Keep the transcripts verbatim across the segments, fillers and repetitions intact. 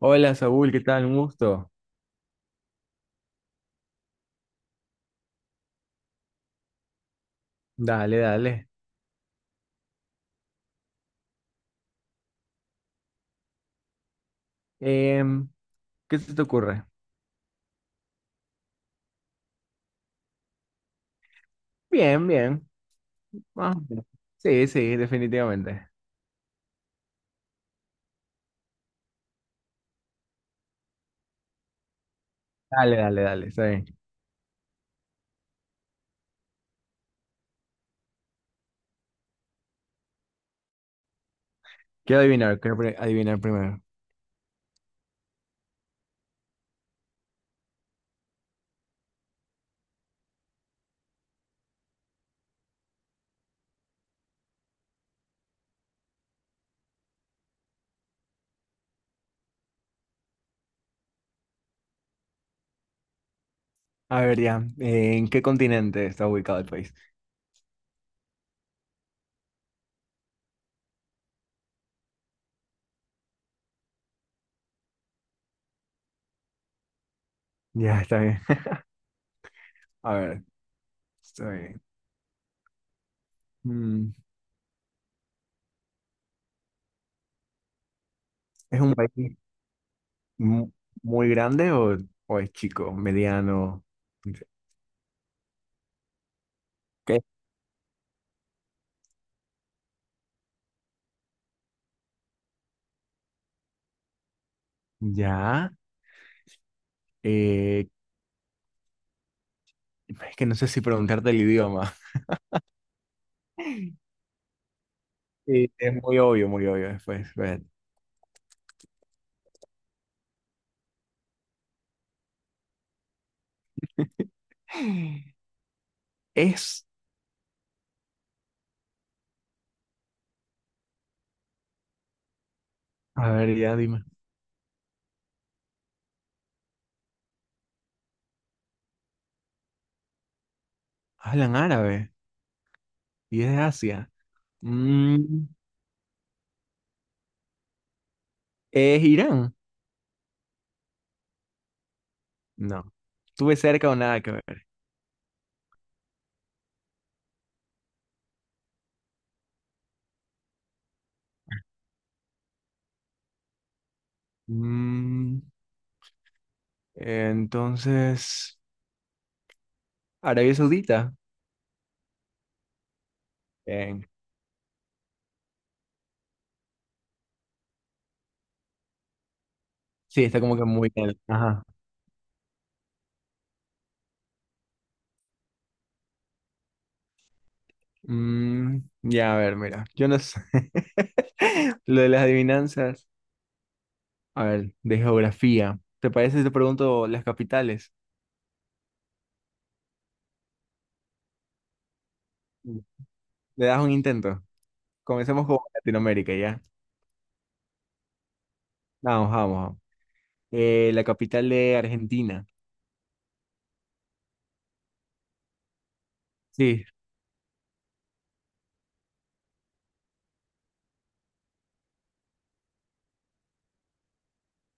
Hola Saúl, ¿qué tal? Un gusto. Dale, dale. Em, ¿Qué se te ocurre? Bien, bien. Ah, sí, sí, definitivamente. Dale, dale, dale, está bien. Quiero adivinar, quiero pri- Adivinar primero. A ver, ya, eh, ¿en qué continente está ubicado el país? Ya, está bien. A ver, está bien. Mm, ¿Es un país mu- muy grande o, o es chico, mediano? ¿Qué? Ya, eh, es que no sé si preguntarte el idioma. Sí, es muy obvio, muy obvio después. Ver. Es, a ver, ya dime. Hablan árabe y es de Asia. Mm, ¿Es Irán? No. Tuve cerca o nada que ver. Mm, entonces, Arabia Saudita. Bien. Sí, está como que muy bien. Ajá. Mm, ya, a ver, mira. Yo no sé. Lo de las adivinanzas. A ver, de geografía. ¿Te parece si te pregunto las capitales? Mm. ¿Le das un intento? Comencemos con Latinoamérica, ¿ya? Vamos, vamos. vamos. Eh, la capital de Argentina. Sí.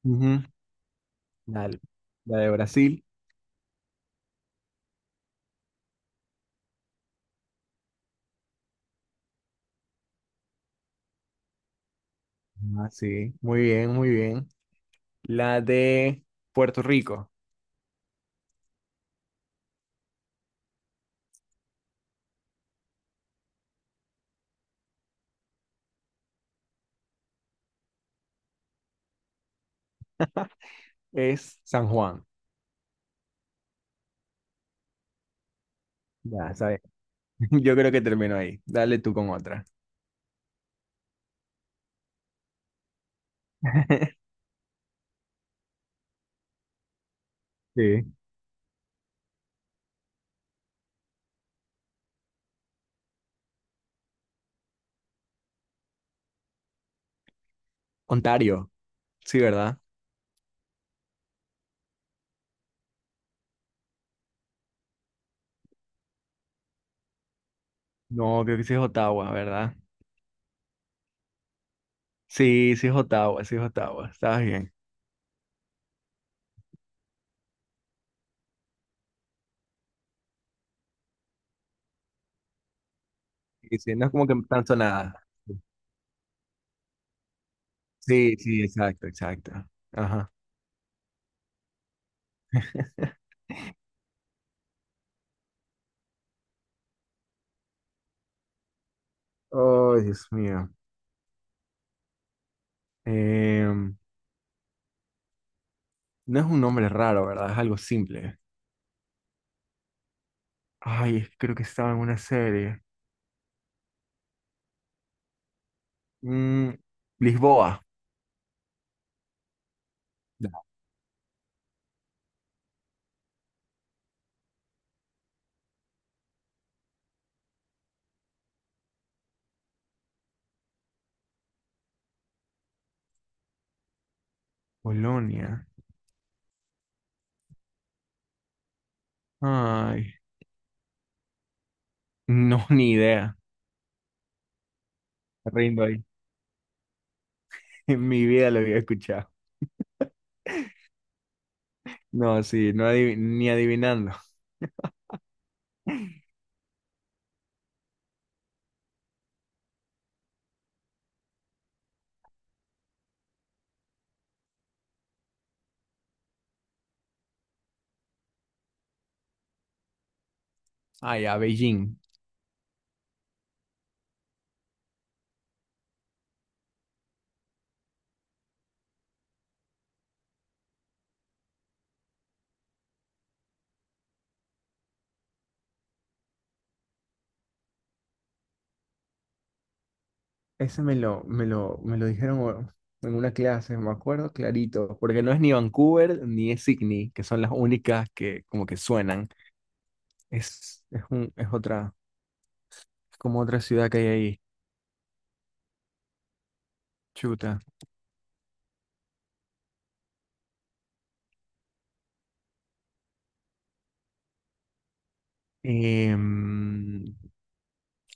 Ujú. Dale. La de Brasil. Ah, sí. Muy bien, muy bien. La de Puerto Rico es San Juan. Ya, sabes. Yo creo que termino ahí. Dale tú con otra. Sí. Ontario. Sí, ¿verdad? No, creo que sí es Ottawa, ¿verdad? Sí, sí es Ottawa, sí es Ottawa. Estabas bien. Y sí, no es como que tan sonada. Sí, sí, exacto, exacto. Ajá. Oh, Dios mío. Em, no es un nombre raro, ¿verdad? Es algo simple. Ay, es que creo que estaba en una serie. Mm, Lisboa. No. Polonia. Ay, no, ni idea. Me Rindo ahí. En mi vida lo había escuchado. No, sí, no adivi- ni adivinando. Ay, a Beijing. Ese me lo, me lo, me lo dijeron o- en una clase, me acuerdo clarito, porque no es ni Vancouver ni es Sydney, que son las únicas que como que suenan. Es, es un, es otra. Es como otra ciudad que hay ahí. Chuta. Em,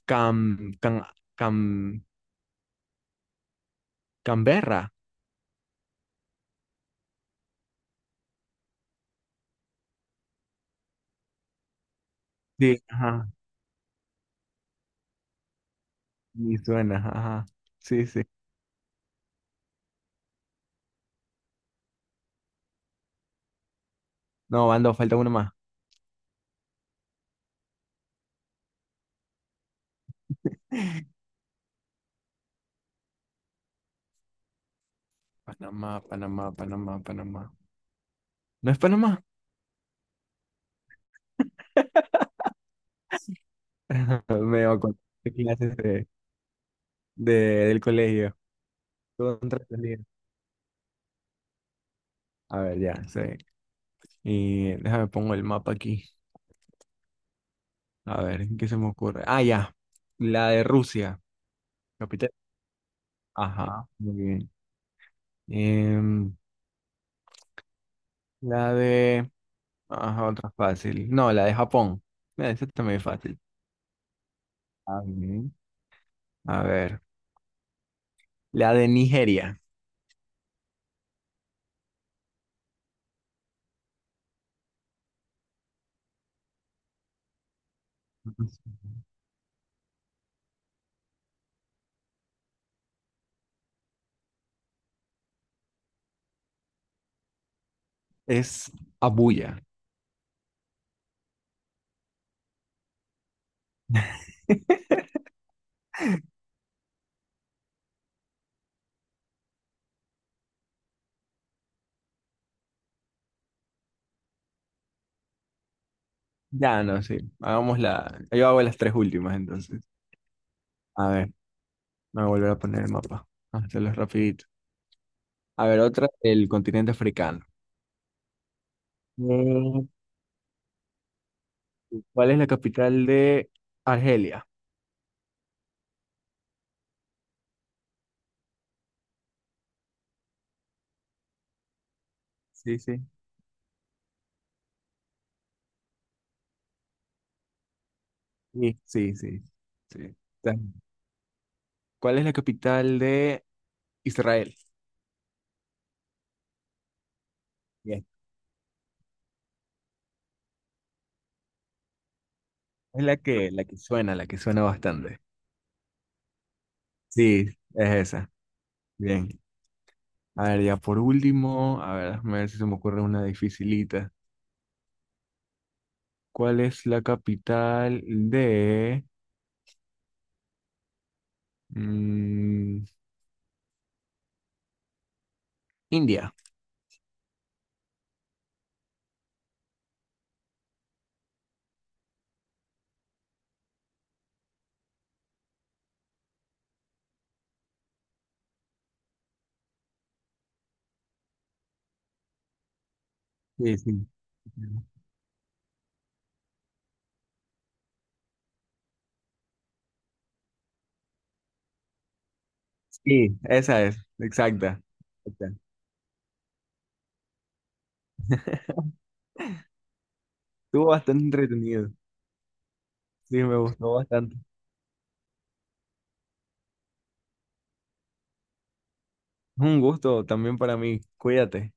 Cam, Cam, Cam- Canberra. Sí, ajá. Sí, suena, ajá. Sí, sí. No, van falta uno más. Panamá, Panamá, Panamá, Panamá. ¿No es Panamá? Me acuerdo de clases de, de- del colegio. Todo un trascendido. A ver, ya, sí. Y déjame pongo el mapa aquí. A ver, ¿qué se me ocurre? Ah, ya. La de Rusia, capital. Ajá, muy bien. Em, La de... Ajá, otra fácil. No, la de Japón. Mira, esa también es fácil. Ah, bien. A ver. La de Nigeria. Es Abuya. Ya, no, sí. Hagamos la... Yo hago las tres últimas, entonces. A ver, me voy a volver a poner el mapa. Vamos a Hacerlo rapidito. A ver, otra del continente africano. Mm, ¿Cuál es la capital de Argelia? Sí, sí. Sí, sí, sí. sí. Ta- ¿Cuál es la capital de Israel? Es la que, la que suena, la que suena bastante. Sí, es esa. Bien. A ver, ya por último, a ver, déjame ver si se me ocurre una dificilita. ¿Cuál es la capital de mm, India? Sí, sí. Sí, esa es, exacta. exacta. Estuvo bastante entretenido. Sí, me gustó bastante. Un gusto también para mí. Cuídate.